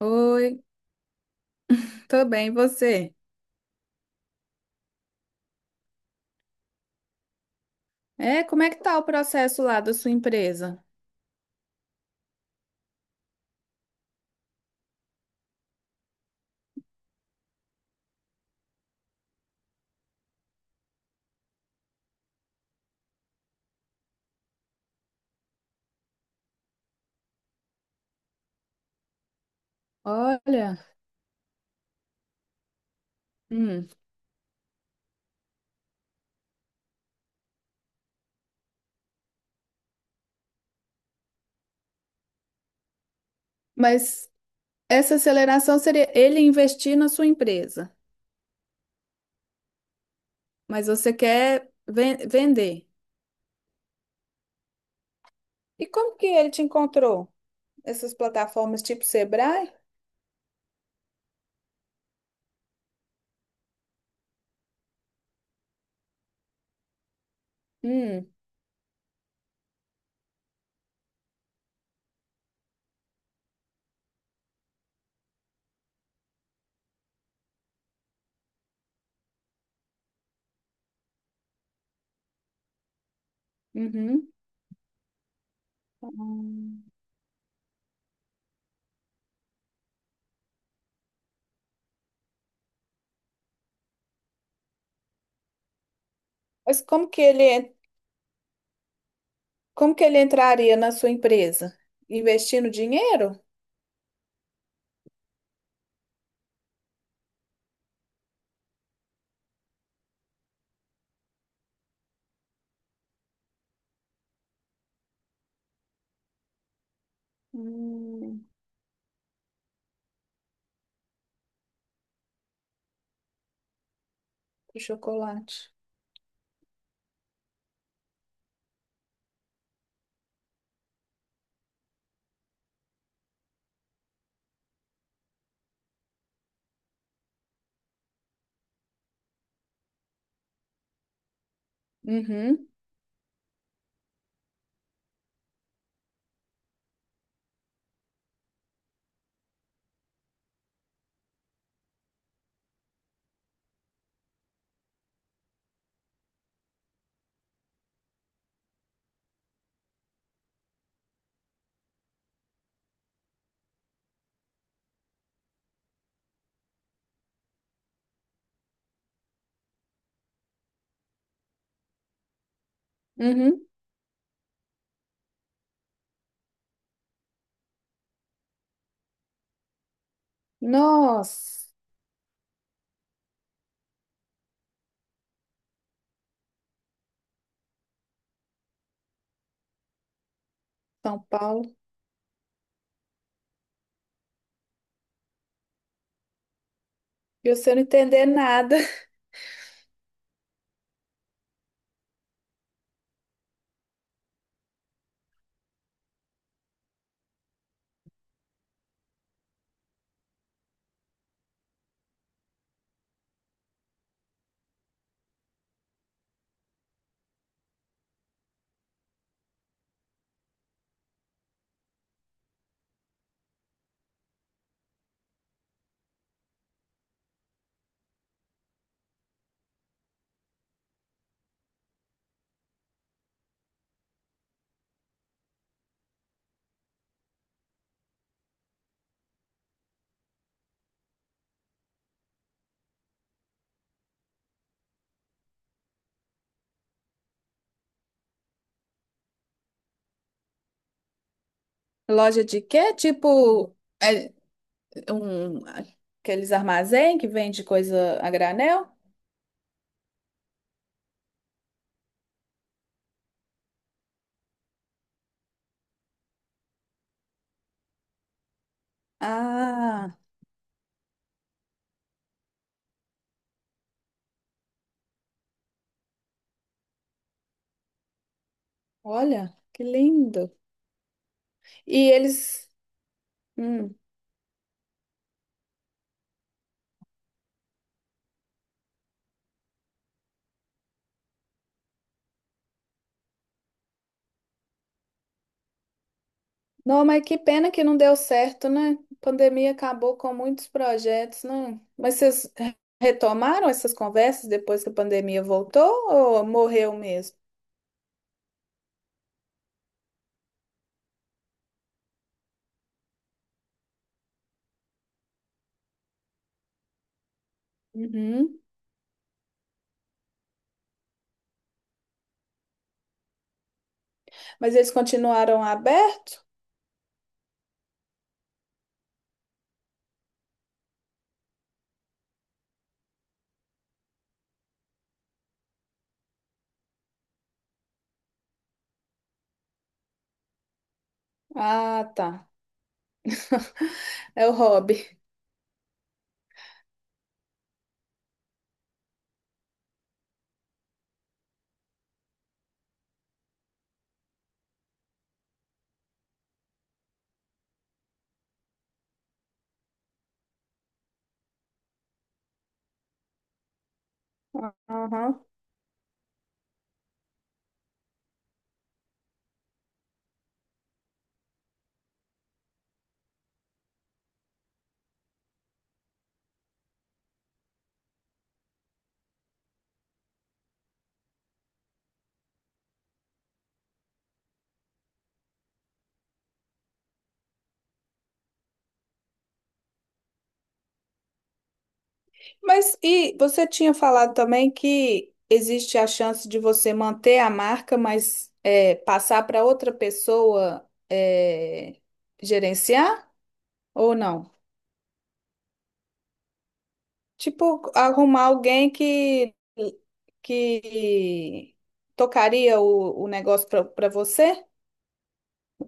Oi, tô bem, e você? É, como é que tá o processo lá da sua empresa? Olha, hum, mas essa aceleração seria ele investir na sua empresa, mas você quer vender. E como que ele te encontrou? Essas plataformas tipo Sebrae? Hum, uhum. Hum. Mas como que ele entraria na sua empresa? Investindo dinheiro? Hum, o chocolate. Uhum, uhum. Nossa. São Paulo. E você não entender nada. Loja de quê? Tipo, é, um, aqueles armazém que vende coisa a granel? Ah, olha, que lindo. E eles. Hum. Não, mas que pena que não deu certo, né? A pandemia acabou com muitos projetos, né? Mas vocês retomaram essas conversas depois que a pandemia voltou ou morreu mesmo? Uhum. Mas eles continuaram aberto? Ah, tá. É o hobby. Aham. Mas e você tinha falado também que existe a chance de você manter a marca, mas é, passar para outra pessoa é, gerenciar ou não? Tipo, arrumar alguém que tocaria o negócio para você,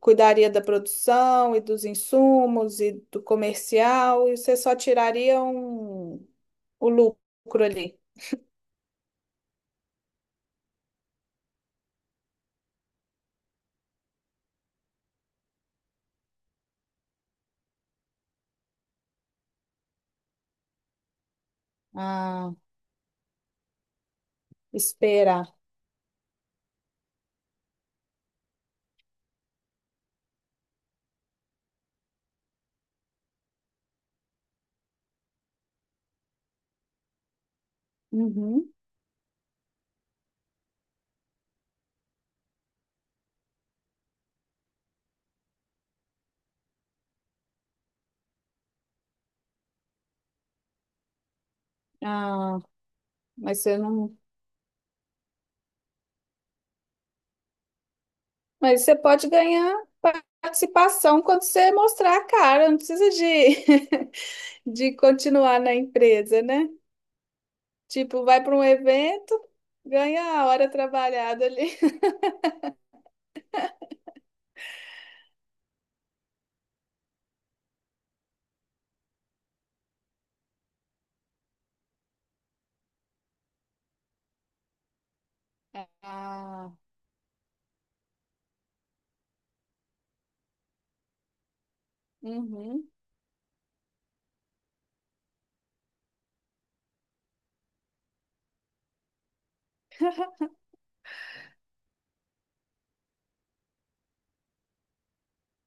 cuidaria da produção e dos insumos e do comercial, e você só tiraria um, o lucro ali. Ah, esperar. Uhum. Ah, mas você não. Mas você pode ganhar participação quando você mostrar a cara, não precisa de, de continuar na empresa, né? Tipo, vai para um evento, ganha a hora trabalhada ali. Ah, uhum.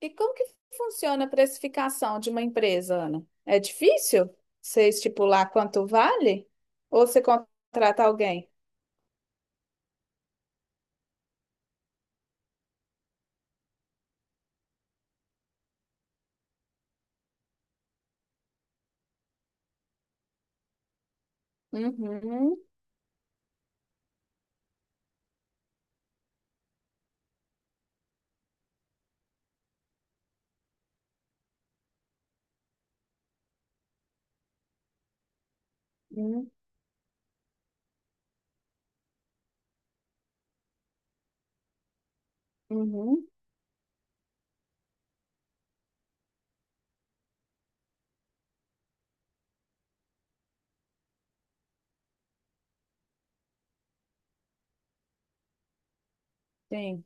E como que funciona a precificação de uma empresa, Ana? É difícil você estipular quanto vale? Ou você contrata alguém? Uhum. Uhum. Sim,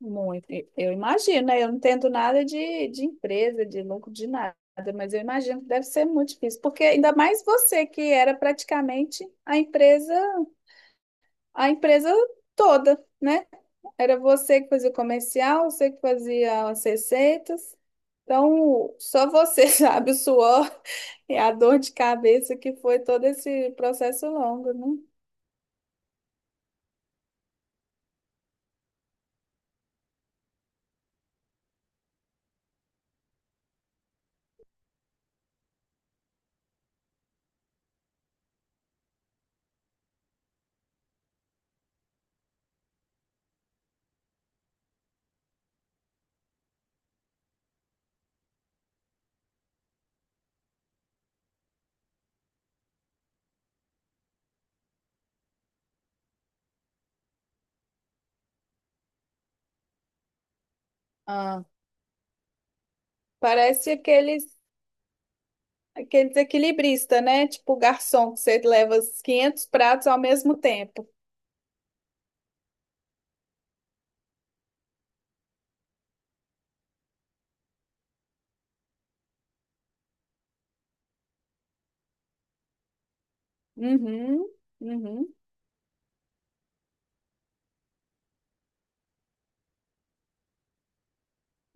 muito. Eu imagino, né? Eu não entendo nada de empresa, de lucro, de nada, mas eu imagino que deve ser muito difícil, porque ainda mais você que era praticamente a empresa toda, né? Era você que fazia o comercial, você que fazia as receitas. Então, só você sabe o suor e a dor de cabeça que foi todo esse processo longo, né? Ah, parece aqueles. Aquele desequilibrista, né? Tipo o garçom, que você leva os 500 pratos ao mesmo tempo. Uhum, uhum,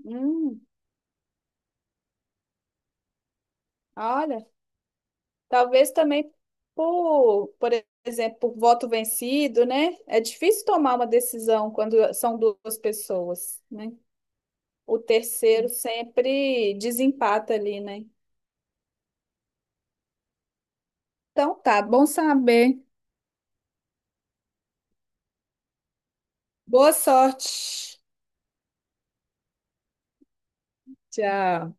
hum. Olha, talvez também por exemplo, por voto vencido, né? É difícil tomar uma decisão quando são duas pessoas, né? O terceiro sempre desempata ali, né? Então tá, bom saber. Boa sorte. Tchau.